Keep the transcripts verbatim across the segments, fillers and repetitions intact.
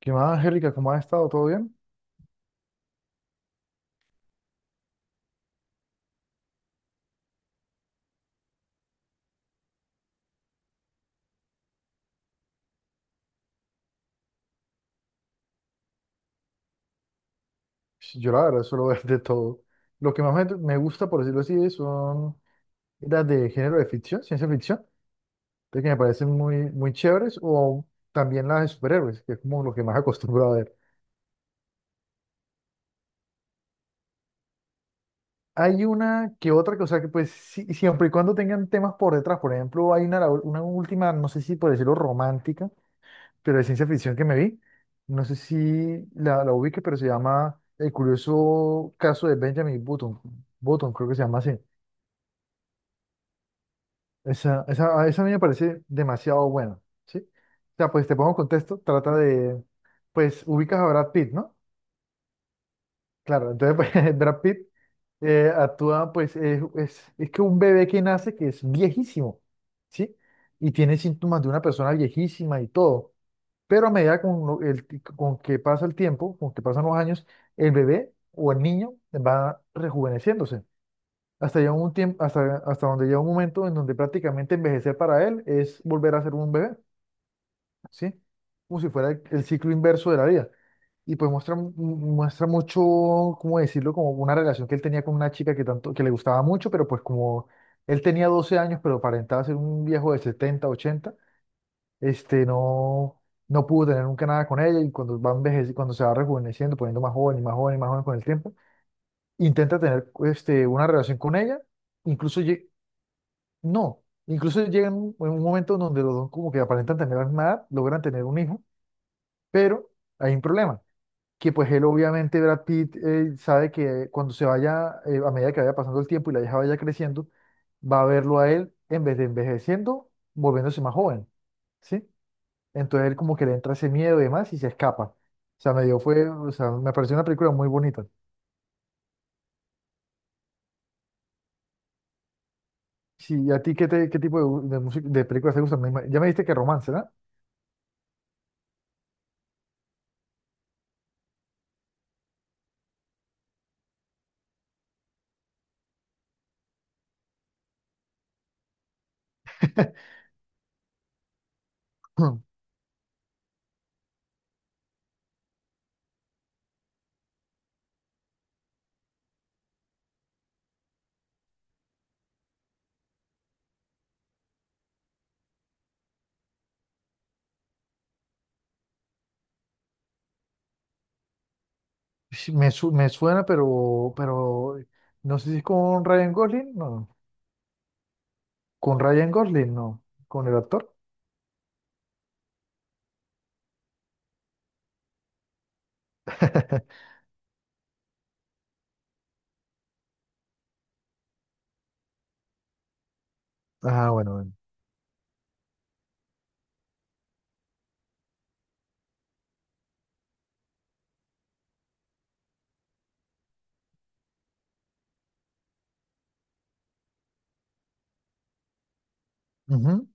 ¿Qué más, Angélica? ¿Cómo has estado? ¿Todo bien? Sí, Yo la verdad suelo ver de todo. Lo que más me, me gusta, por decirlo así, son las de género de ficción, ciencia ficción, de que me parecen muy, muy chéveres, o también las de superhéroes, que es como lo que más acostumbro a ver. Hay una que otra que, o sea, que pues sí- siempre y cuando tengan temas por detrás, por ejemplo, hay una, la ul- una última, no sé si por decirlo romántica, pero de ciencia ficción que me vi, no sé si la, la ubique, pero se llama El curioso caso de Benjamin Button, Button creo que se llama así. Esa, esa, a esa a mí me parece demasiado buena, ¿sí? O sea, pues te pongo en contexto, trata de, pues ubicas a Brad Pitt, ¿no? Claro, entonces pues, Brad Pitt eh, actúa, pues es, es, es que un bebé que nace que es viejísimo, ¿sí? Y tiene síntomas de una persona viejísima y todo. Pero a medida con, lo- el ti- con que pasa el tiempo, con que pasan los años, el bebé o el niño va rejuveneciéndose. Hasta, llega un tiempo, hasta, hasta donde llega un momento en donde prácticamente envejecer para él es volver a ser un bebé, ¿sí? Como si fuera el, el ciclo inverso de la vida. Y pues muestra, mu- muestra mucho, ¿cómo decirlo? Como una relación que él tenía con una chica que, tanto, que le gustaba mucho, pero pues como él tenía doce años, pero aparentaba ser un viejo de setenta ochenta este, no, no pudo tener nunca nada con ella y cuando va envejeci- cuando se va rejuveneciendo, poniendo más joven y más joven y más joven con el tiempo, intenta tener este, una relación con ella, incluso lle- no, incluso llega en un, en un momento donde los dos como que aparentan tener la misma edad, logran tener un hijo, pero hay un problema, que pues él obviamente, Brad Pitt, eh, sabe que cuando se vaya, eh, a medida que vaya pasando el tiempo y la hija vaya creciendo, va a verlo a él en vez de envejeciendo, volviéndose más joven. ¿Sí? Entonces él como que le entra ese miedo y demás y se escapa. O sea, me dio fue, o sea, me pareció una película muy bonita. Sí, ¿y a ti qué, te- qué tipo de, gu- de, música- de películas te gustan? Me ima- Ya me dijiste que romance, ¿verdad? Sí, Me, su- me suena, pero, pero no sé si es con Ryan Gosling, no. Con Ryan Gosling, no. Con el actor. Ah, bueno, bueno. Ujú.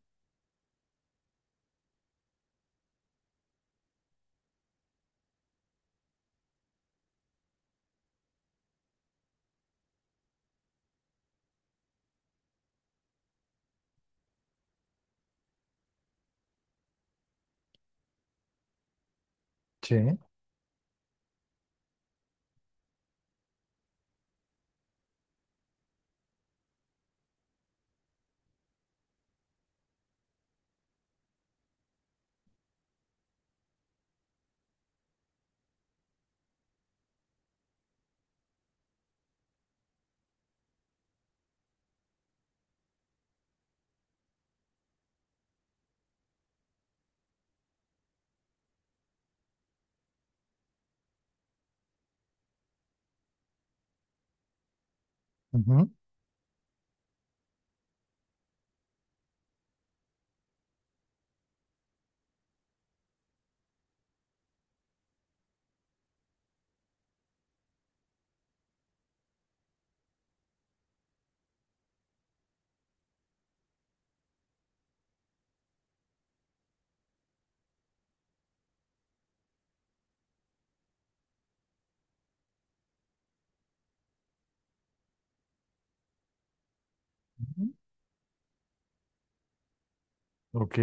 Sí. Ujú. Ujú. Ok.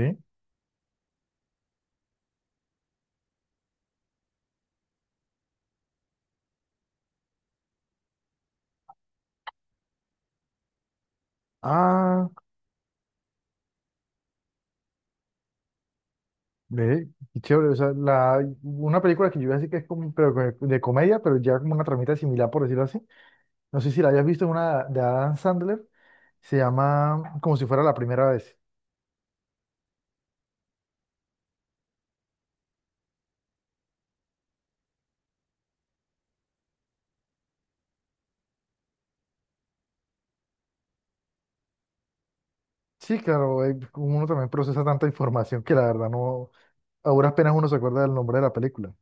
Ah, ve, qué chévere. O sea, la, una película que yo iba a decir que es como, pero que- de comedia, pero ya como una tramita similar, por decirlo así. No sé si la hayas visto en una de Adam Sandler, se llama Como si fuera la primera vez. Sí, claro, eh, uno también procesa tanta información que la verdad no, a duras penas uno se acuerda del nombre de la película.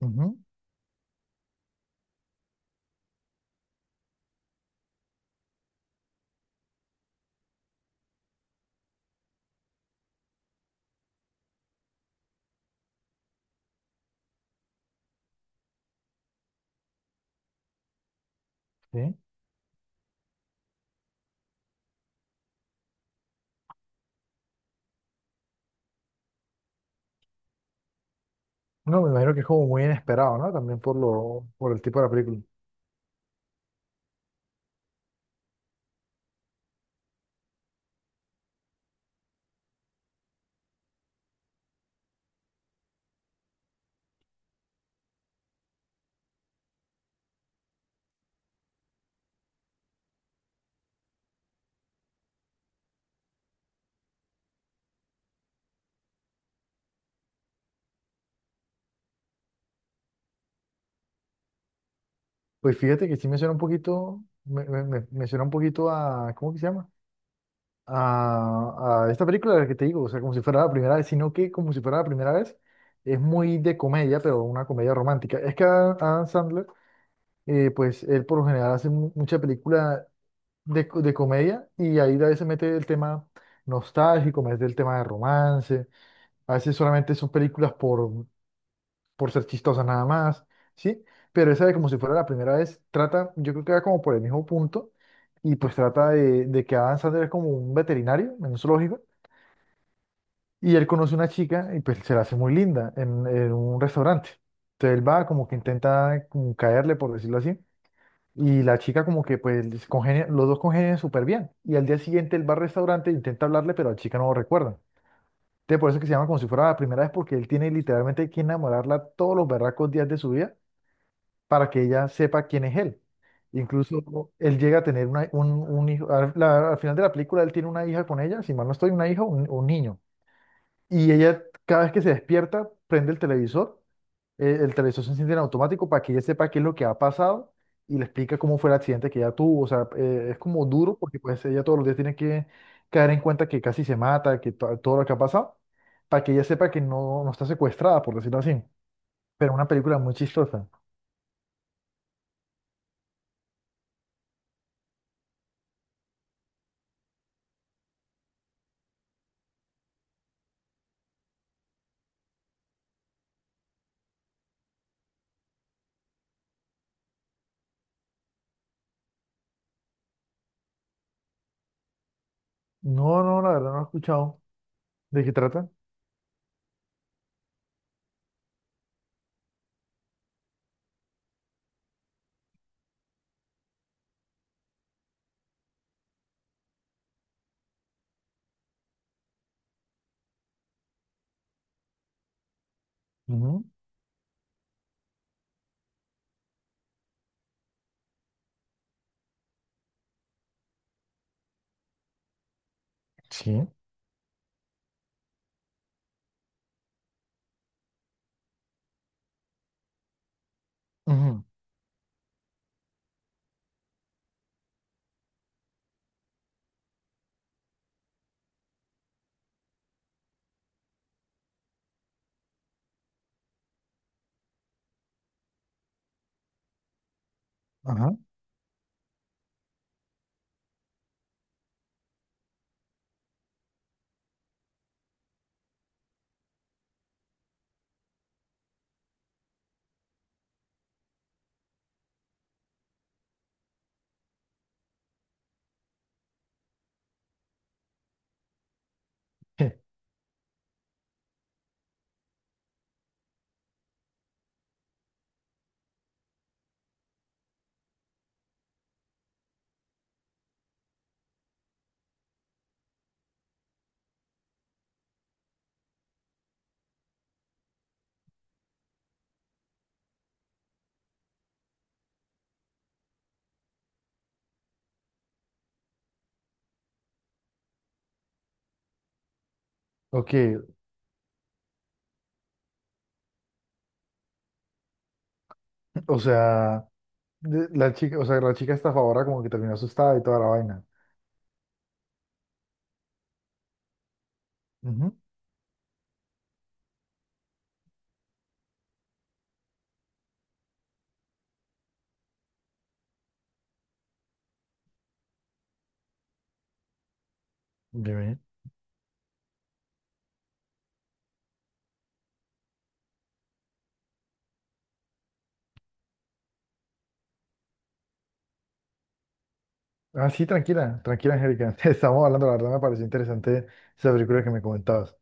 Ujú, sí. No, me imagino que es como muy inesperado, ¿no? También por lo, por el tipo de la película. Pues fíjate que sí me suena un poquito, me, me, me- me suena un poquito a, ¿cómo que se llama? A, a esta película de la que te digo, o sea, como si fuera la primera vez, sino que como si fuera la primera vez, es muy de comedia, pero una comedia romántica. Es que Adam Sandler eh, pues él por lo general hace mu- mucha película de, co- de comedia y ahí a veces mete el tema nostálgico, mete el tema de romance, a veces solamente son películas por, por ser chistosas nada más, ¿sí? Pero esa de como si fuera la primera vez, trata, yo creo que va como por el mismo punto y pues trata de, de que Adam Sandler es como un veterinario en un zoológico y él conoce una chica y pues se la hace muy linda en, en un restaurante. Entonces él va como que intenta como caerle, por decirlo así. Y la chica como que pues les congenia- los dos congenian súper bien. Y al día siguiente él va al restaurante, e intenta hablarle, pero la chica no lo recuerda. Entonces por eso es que se llama como si fuera la primera vez, porque él tiene literalmente que enamorarla todos los berracos días de su vida para que ella sepa quién es él. Incluso él llega a tener una- un, un hijo, al, la- al final de la película él tiene una hija con ella, si mal no estoy, una hija, un, un niño. Y ella cada vez que se despierta, prende el televisor eh, el televisor se enciende en automático para que ella sepa qué es lo que ha pasado y le explica cómo fue el accidente que ella tuvo. O sea, eh, es como duro porque pues ella todos los días tiene que caer en cuenta que casi se mata, que to- todo lo que ha pasado, para que ella sepa que no, no está secuestrada, por decirlo así. Pero una película muy chistosa. No, no, la verdad no la he escuchado. ¿De qué trata? Ujú. Sí. Ujú. Ajá. Ok, o sea, de- la chica, o sea, la chica está a favor, como que terminó asustada y toda la vaina. Ujú. Dime. Ah, sí, tranquila, tranquila, Angélica. Estábamos hablando, la verdad me pareció interesante esa película que me comentabas.